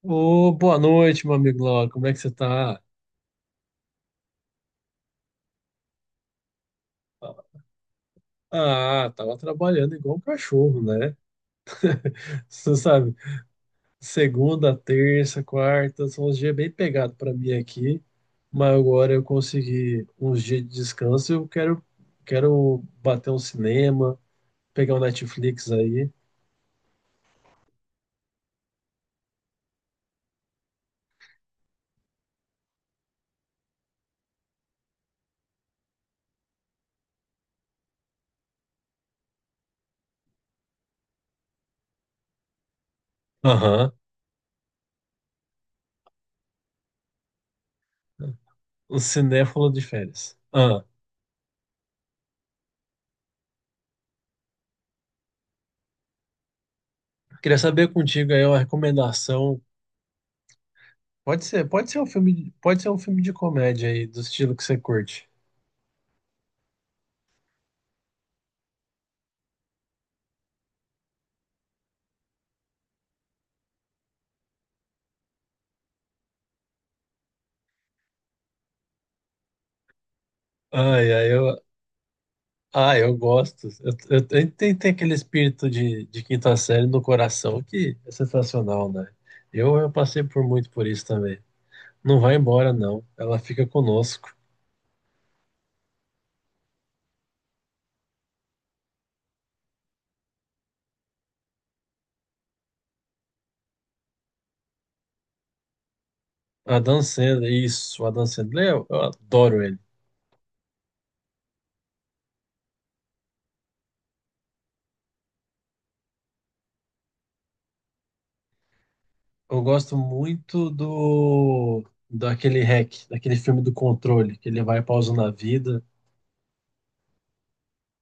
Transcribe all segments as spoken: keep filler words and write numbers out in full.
Ô, boa noite, meu amigo Laura. Como é que você tá? Ah, tava trabalhando igual um cachorro, né? Você sabe, segunda, terça, quarta, são uns dias bem pegados pra mim aqui, mas agora eu consegui uns dias de descanso. Eu quero, quero bater um cinema, pegar um Netflix aí. Aham. Um cinéfilo de férias. Ah, queria saber contigo aí uma recomendação. Pode ser, pode ser um filme, pode ser um filme de comédia aí, do estilo que você curte. Ai, ai, eu, ai, eu gosto. Eu, eu, eu tem, tem aquele espírito de, de quinta série no coração que é sensacional, né? Eu, eu passei por muito por isso também. Não vai embora, não. Ela fica conosco. Adam Sandler, isso, o Adam Sandler, eu, eu adoro ele. Eu gosto muito do daquele hack, daquele filme do controle, que ele vai pausando a vida.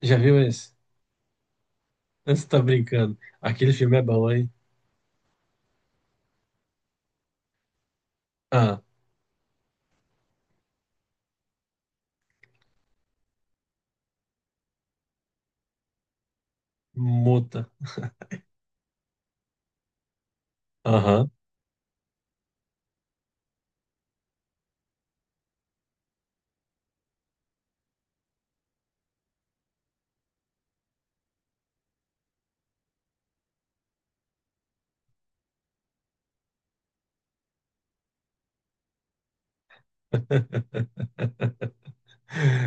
Já viu esse? Você tá brincando. Aquele filme é bom, hein? Ah, muta. Aham.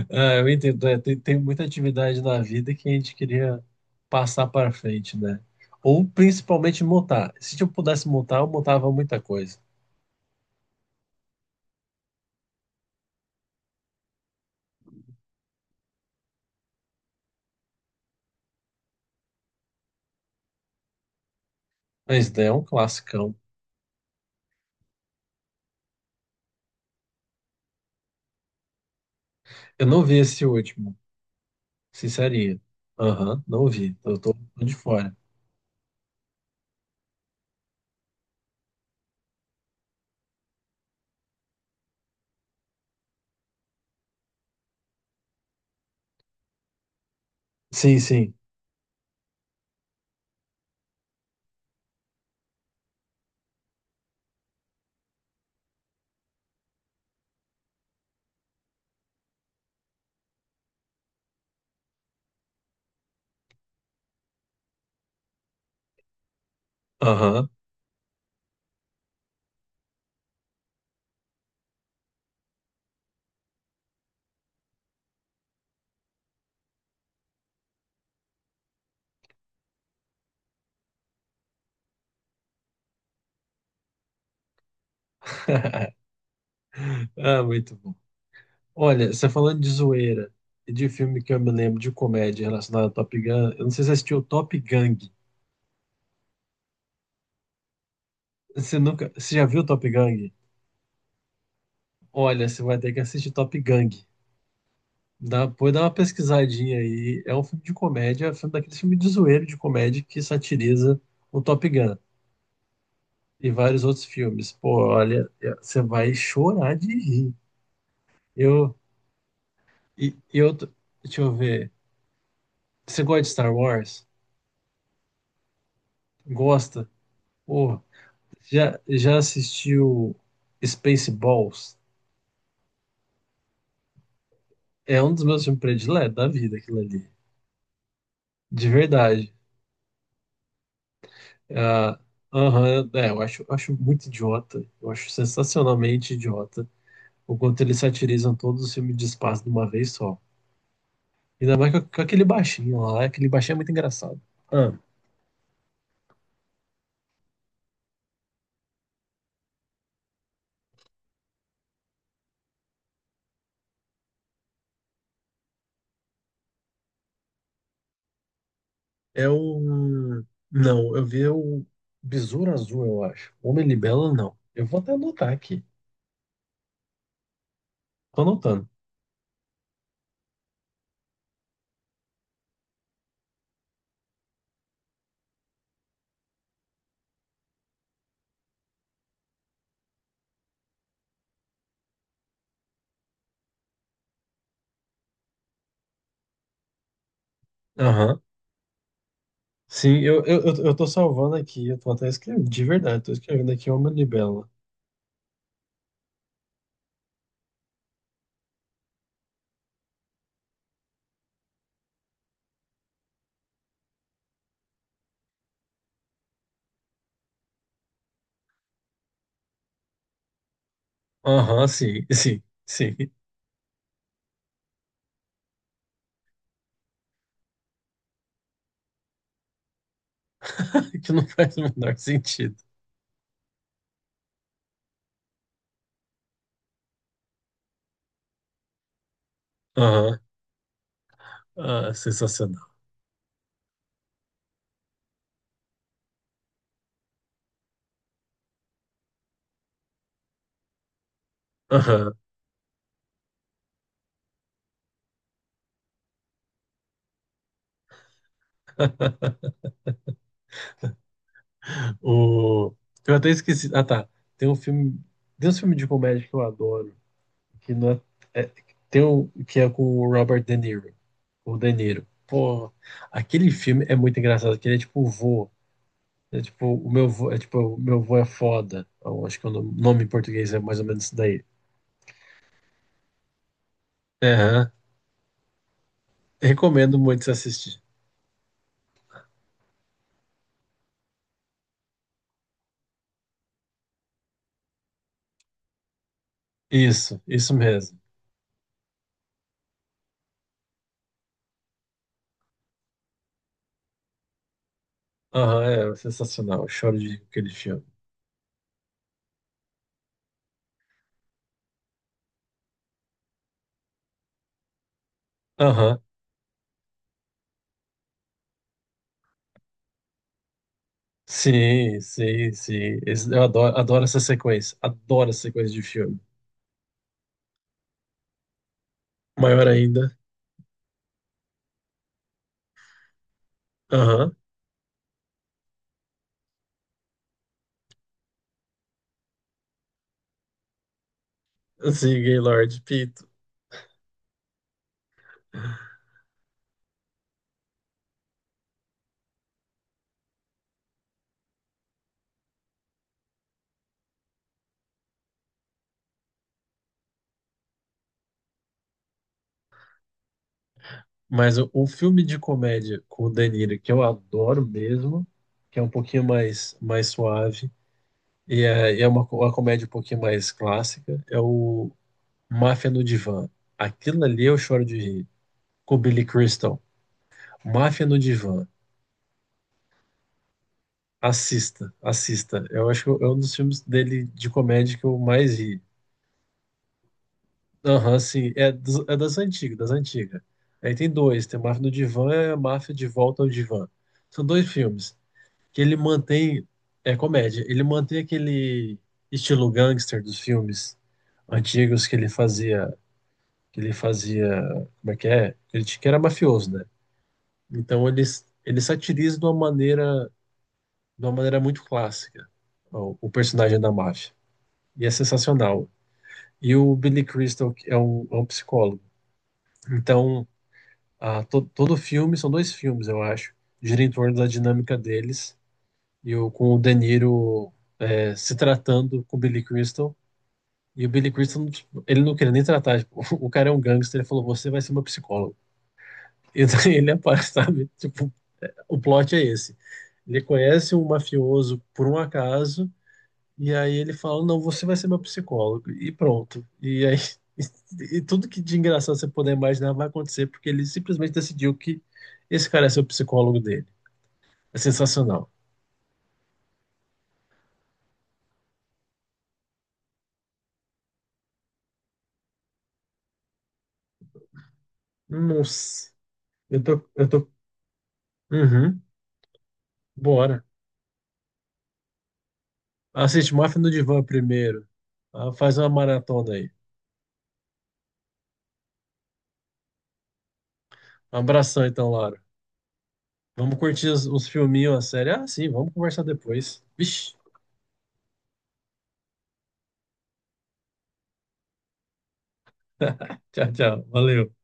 Ah, eu entendo, é, tem, tem muita atividade na vida que a gente queria passar para frente, né? Ou principalmente montar. Se eu pudesse montar, eu montava muita coisa. Mas né, é um classicão. Eu não vi esse último, sincerinho. Aham, não vi. Eu tô de fora. Sim, sim. Aham. Ah, muito bom. Olha, você falando de zoeira e de filme que eu me lembro de comédia relacionado ao Top Gun, eu não sei se você assistiu Top Gang. Você nunca, você já viu Top Gun? Olha, você vai ter que assistir Top Gang. Dá, depois dá uma pesquisadinha aí. É um filme de comédia, é um filme daquele filme de zoeiro de comédia que satiriza o Top Gun e vários outros filmes. Pô, olha, é- você vai chorar de rir. Eu, e, e eu, t- deixa eu ver. Você gosta de Star Wars? Gosta? Pô, já, já assistiu Spaceballs? É um dos meus filmes prediletos da vida, aquilo ali. De verdade. Ah, Aham, é, eu acho, acho muito idiota. Eu acho sensacionalmente idiota o quanto eles satirizam todos os filmes de espaço de uma vez só. Ainda mais com, com aquele baixinho lá. Aquele baixinho é muito engraçado. Ah, é o. Não, eu vi o Besouro Azul, eu acho. Homem Libelo, não. Eu vou até anotar aqui. Tô anotando. Aham. Sim, eu, eu, eu eu tô salvando aqui. Eu tô até escrevendo, de verdade. Tô escrevendo aqui Homem Libelo. Aham, sim, sim, sim. Que não faz o menor sentido. Aham. Ah, sensacional. Aham. O... Eu até esqueci. Ah, tá. Tem um filme. Tem um filme de comédia que eu adoro. Que não é... é- Tem um que é com o Robert De Niro. O De Niro. Pô, aquele filme é muito engraçado. Que ele é tipo o vô. É tipo, o meu vô é tipo, o meu vô é foda. Eu acho que o nome nome em português é mais ou menos isso daí. Aham. Recomendo muito você assistir. Isso, isso mesmo. Aham, é sensacional. Eu choro de rir com aquele filme. Aham. Sim, sim, sim. Esse- Eu adoro, adoro essa sequência. Adoro essa sequência de filme. Maior ainda. Aham. Sim, Gaylord, Pito. Mas o, o filme de comédia com o De Niro, que eu adoro mesmo, que é um pouquinho mais, mais suave, e é, e é uma, co- uma comédia um pouquinho mais clássica, é o Máfia no Divã. Aquilo ali eu choro de rir. Com o Billy Crystal. Máfia no Divã. Assista, assista. Eu acho que é um dos filmes dele de comédia que eu mais ri. Aham, sim. É, dos- é das antigas, das antigas. Aí tem dois, tem Máfia no Divã e a Máfia de Volta ao Divã. São dois filmes que ele mantém, é comédia, ele mantém aquele estilo gangster dos filmes antigos que ele fazia, que ele fazia, como é que é? Ele t- que era mafioso, né? Então ele, s- ele satiriza de uma maneira, de uma maneira muito clássica o, o personagem da máfia. E é sensacional. E o Billy Crystal é um, é um psicólogo. Então, a to, todo filme, são dois filmes, eu acho, gira em torno da dinâmica deles, e o, com o De Niro é, se tratando com o Billy Crystal, e o Billy Crystal, ele não queria nem tratar, tipo, o cara é um gangster, ele falou, você vai ser uma psicóloga E daí ele aparece, sabe? Tipo, o plot é esse. Ele conhece um mafioso por um acaso, e aí ele fala, não, você vai ser meu psicólogo. E pronto. E aí e tudo que de engraçado você puder imaginar vai acontecer, porque ele simplesmente decidiu que esse cara é seu psicólogo dele. É sensacional. Nossa, eu tô, eu tô. Uhum, bora. Assiste Máfia no Divã primeiro. Ah, Faz uma maratona aí. Um abração então, Laura. Vamos curtir os, os filminhos, a série. Ah, sim, vamos conversar depois. Vixe, tchau, tchau. Valeu.